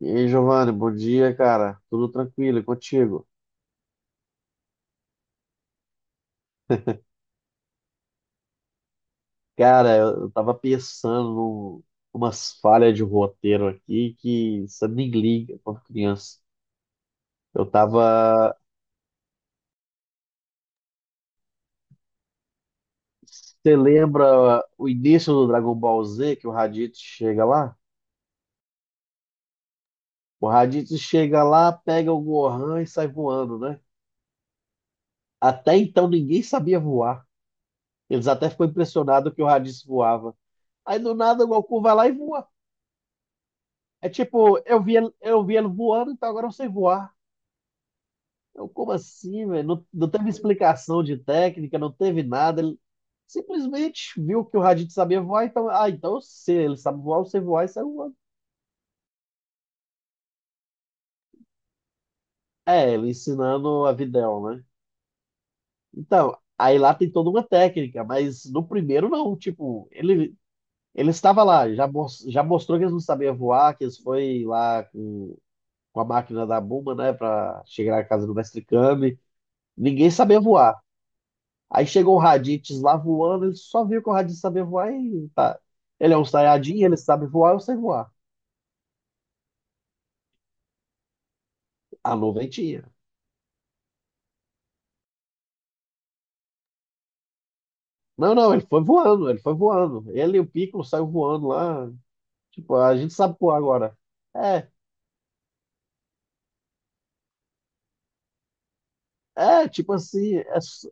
E aí, Giovanni, bom dia, cara. Tudo tranquilo e contigo? Cara, eu tava pensando umas falhas de roteiro aqui que você nem liga quando criança. Eu tava. Você lembra o início do Dragon Ball Z, que o Raditz chega lá? O Raditz chega lá, pega o Gohan e sai voando, né? Até então ninguém sabia voar. Eles até ficou impressionados que o Raditz voava. Aí do nada o Goku vai lá e voa. É tipo, eu vi ele voando, então agora eu sei voar. Eu, como assim, velho? Não teve explicação de técnica, não teve nada. Ele simplesmente viu que o Raditz sabia voar, então, ah, então eu sei, ele sabe voar, você voar e saiu voando. É, ele ensinando a Videl, né? Então, aí lá tem toda uma técnica, mas no primeiro não, tipo, ele estava lá, já, já mostrou que eles não sabiam voar, que eles foi lá com a máquina da Buma, né, pra chegar na casa do Mestre Kami. Ninguém sabia voar. Aí chegou o Raditz lá voando, ele só viu que o Raditz sabia voar e tá. Ele é um Saiyajin, ele sabe voar, eu sei voar. A nuvem tinha. Não, não, ele foi voando, ele foi voando. Ele e o Piccolo saiu voando lá. Tipo, a gente sabe voar agora. É, tipo assim,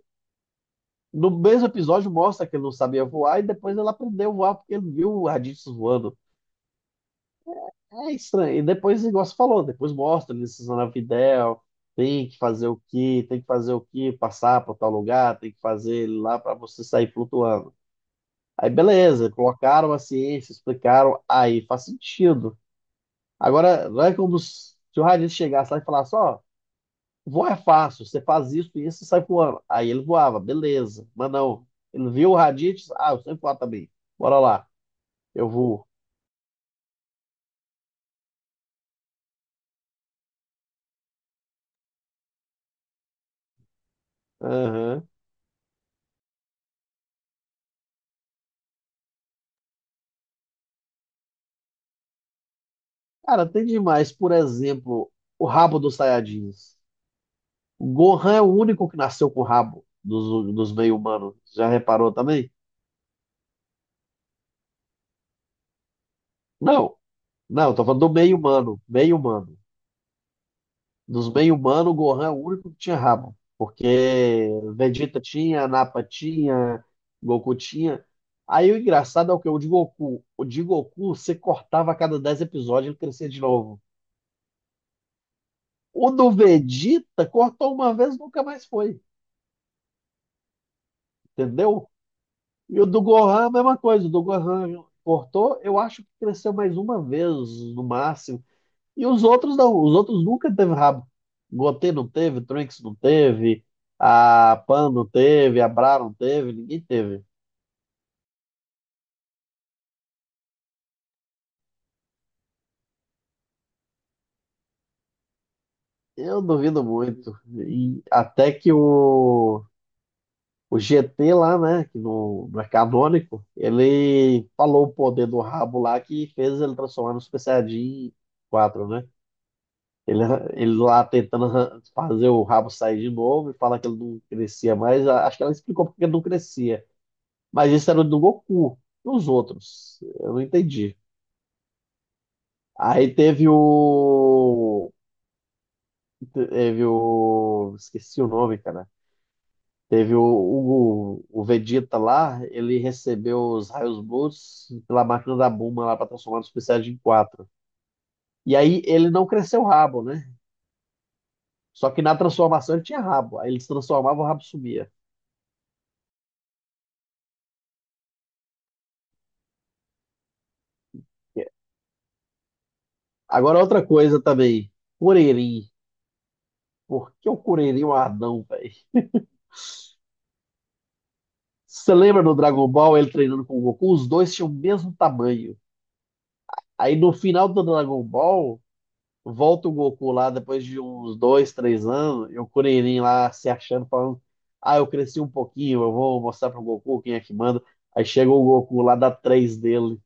no mesmo episódio mostra que ele não sabia voar e depois ele aprendeu a voar porque ele viu o Raditz voando. É estranho. E depois, igual você falou, depois mostra eles usando a Videl, tem que fazer o que, tem que fazer o que, passar para tal lugar, tem que fazer ele lá para você sair flutuando. Aí beleza, colocaram a ciência, explicaram, aí faz sentido. Agora, não é como se o Raditz chegasse lá e falasse, ó, voar é fácil, você faz isso e isso, você sai voando. Aí ele voava, beleza. Mas não, ele viu o Raditz, ah, eu sei voar também. Bora lá, eu vou. Cara, tem demais. Por exemplo, o rabo dos Saiyajins. O Gohan é o único que nasceu com o rabo dos meio-humanos. Já reparou também? Não, não, eu tô falando do meio-humano. Meio-humano. Dos meio-humanos, o Gohan é o único que tinha rabo. Porque Vegeta tinha, Nappa tinha, Goku tinha. Aí o engraçado é o que? O de Goku. O de Goku, você cortava a cada 10 episódios, ele crescia de novo. O do Vegeta cortou uma vez, nunca mais foi. Entendeu? E o do Gohan, a mesma coisa. O do Gohan cortou, eu acho que cresceu mais uma vez, no máximo. E os outros não. Os outros nunca teve rabo. Goten não teve, Trunks não teve, a Pan não teve, a Bra não teve, ninguém teve. Eu duvido muito. E até que o GT lá, né, que não é canônico, ele falou o poder do rabo lá que fez ele transformar no Super Saiyajin 4 né? Ele, ele lá tentando fazer o rabo sair de novo e falar que ele não crescia mais. Acho que ela explicou porque ele não crescia. Mas isso era do Goku, dos outros. Eu não entendi. Aí teve o. Teve o. Esqueci o nome, cara. Teve o Vegeta lá, ele recebeu os raios Blues pela máquina da Bulma lá para transformar no Super Saiyajin quatro. E aí ele não cresceu o rabo, né? Só que na transformação ele tinha rabo. Aí ele se transformava, o rabo sumia. Agora, outra coisa também. Kuririn. Por que o Kuririn é um anão, velho? Você lembra do Dragon Ball, ele treinando com o Goku? Os dois tinham o mesmo tamanho. Aí no final do Dragon Ball, volta o Goku lá depois de uns dois, três anos, e o Kuririn lá se achando, falando: Ah, eu cresci um pouquinho, eu vou mostrar pro Goku quem é que manda. Aí chega o Goku lá, dá três dele.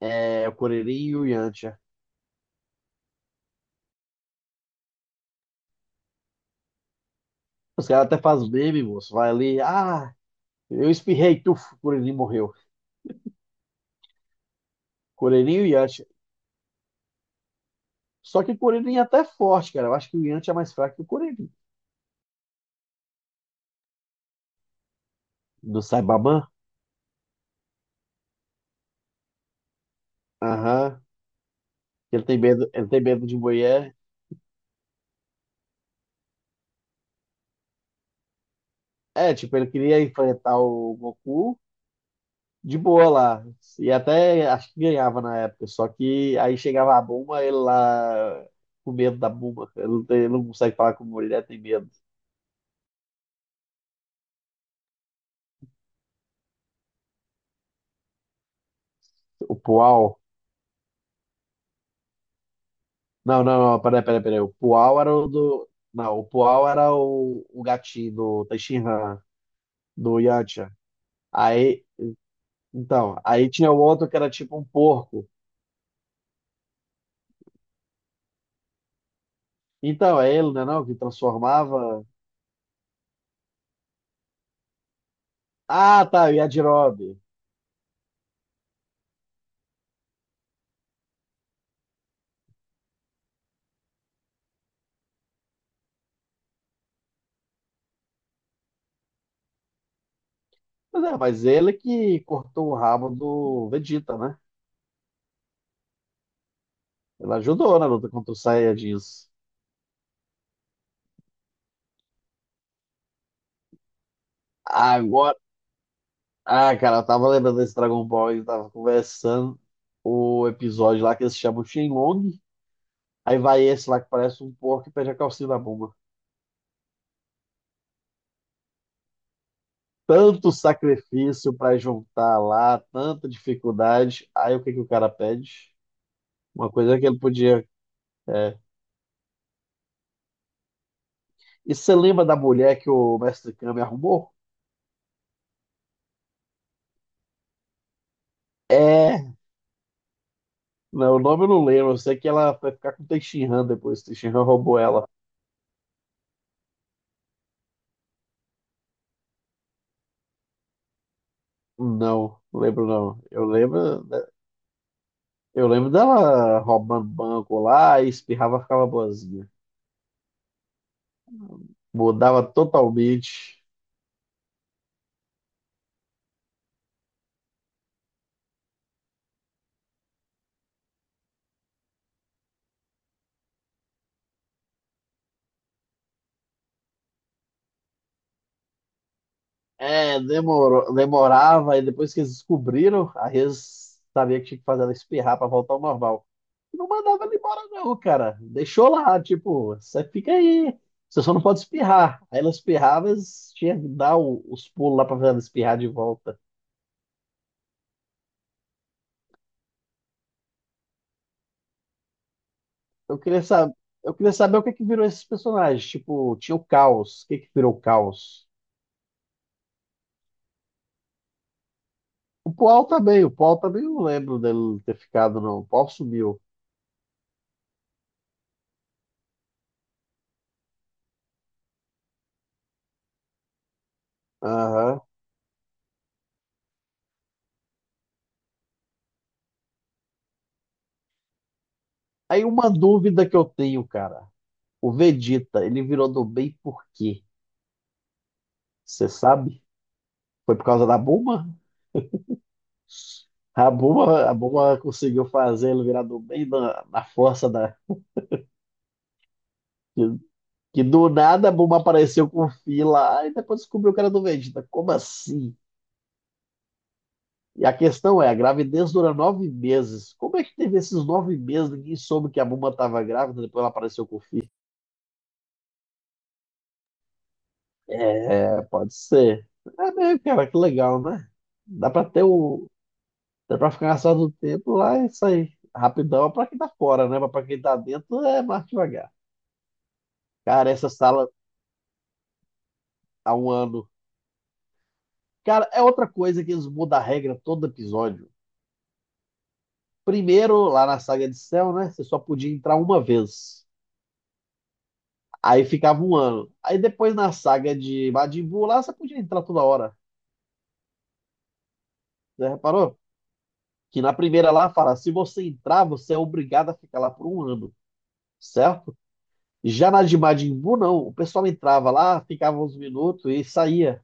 É, o Kuririn e o Yantia. Os caras até fazem meme, moço. Vai ali, ah, eu espirrei, tuf, o Kuririn morreu. Kuririn e o Yantia. Só que o Corinthians é até forte, cara. Eu acho que o Yanti é mais fraco que o Corinthians. Do Saibaman? Aham. Ele tem medo de mulher. É, tipo, ele queria enfrentar o Goku de boa lá. E até acho que ganhava na época. Só que aí chegava a Bulma, ele lá com medo da Bulma. Ele não, ele não consegue falar com mulher, tem medo. O Pual. Não, não, não, peraí, O Pual era o do. Não, o Pual era o gatinho do Tenshinhan, do Yantia. Aí Então, aí tinha o outro que era tipo um porco. Então, é ele, né, não, que transformava... Ah, tá, o Yajirobe. Mas é, mas ele que cortou o rabo do Vegeta, né? Ele ajudou na luta contra os Saiyajins. Agora... Ah, cara, eu tava lembrando desse Dragon Ball, eu tava conversando o episódio lá que eles chamam Shenlong. Aí vai esse lá que parece um porco e pede a calcinha da Bulma. Tanto sacrifício pra juntar lá, tanta dificuldade. Aí o que que o cara pede? Uma coisa que ele podia. É. E você lembra da mulher que o Mestre Kami arrumou? É. Não, o nome eu não lembro. Eu sei que ela vai ficar com o Teixeira depois. O Teixeira roubou ela. Não, não lembro não. Eu lembro, né, eu lembro dela roubando banco lá e espirrava, ficava boazinha. Mudava totalmente. É, demorou, demorava, e depois que eles descobriram, a Rez sabia que tinha que fazer ela espirrar pra voltar ao normal. E Não mandava ele embora, não, cara. Deixou lá, tipo, você fica aí. Você só não pode espirrar. Aí ela espirrava, eles tinham que dar os pulos lá pra fazer ela espirrar de volta. Eu queria saber, eu queria saber o que que virou esses personagens. Tipo, tinha o Caos. O que que virou o Caos? O Paul também não lembro dele ter ficado, não. O Paul sumiu. Aham. Aí uma dúvida que eu tenho, cara. O Vegeta, ele virou do bem por quê? Você sabe? Foi por causa da Bulma? A Bulma conseguiu fazer ele virar do bem na força da. Que, que do nada a Bulma apareceu com o Fi lá e depois descobriu que era do Vegeta. Como assim? E a questão é, a gravidez dura nove meses. Como é que teve esses nove meses? Ninguém soube que a Bulma estava grávida, depois ela apareceu com o filho. É, pode ser. É mesmo, cara, que legal, né? Dá pra ter um, dá pra ficar só do tempo lá e sair. Rapidão é pra quem tá fora, né? Mas pra quem tá dentro é mais devagar. Cara, essa sala há um ano. Cara, é outra coisa que eles mudam a regra todo episódio. Primeiro, lá na saga de Cell, né? Você só podia entrar uma vez. Aí ficava um ano. Aí depois na saga de Majin Buu, lá você podia entrar toda hora. Você reparou? Que na primeira lá fala, se você entrar, você é obrigado a ficar lá por um ano, certo? Já na de Majin Buu, não. O pessoal entrava lá, ficava uns minutos e saía.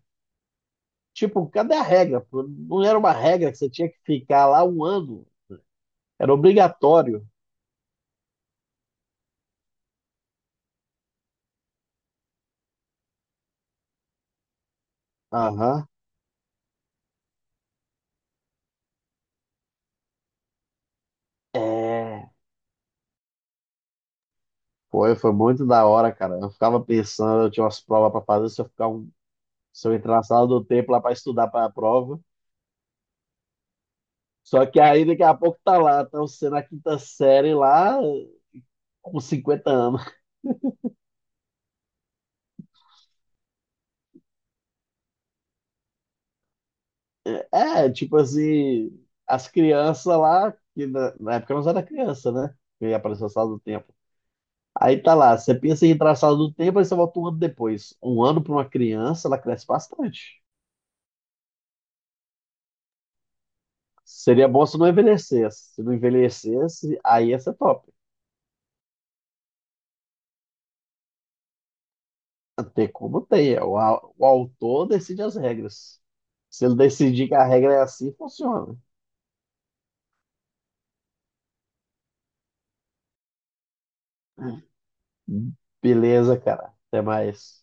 Tipo, cadê a regra? Pô? Não era uma regra que você tinha que ficar lá um ano. Era obrigatório. Aham. É. Foi muito da hora, cara. Eu ficava pensando, eu tinha umas provas pra fazer, se eu entrar na sala do tempo lá pra estudar pra prova. Só que aí daqui a pouco tá lá, tá você na quinta série lá com 50 anos. Tipo assim, as crianças lá, que na época eu não era criança, né? Que apareceu a sala do tempo. Aí tá lá, você pensa em traçado do tempo, aí você volta um ano depois. Um ano para uma criança, ela cresce bastante. Seria bom se não envelhecesse. Se não envelhecesse, aí ia ser top. Tem como tem. O autor decide as regras. Se ele decidir que a regra é assim, funciona. Beleza, cara. Até mais.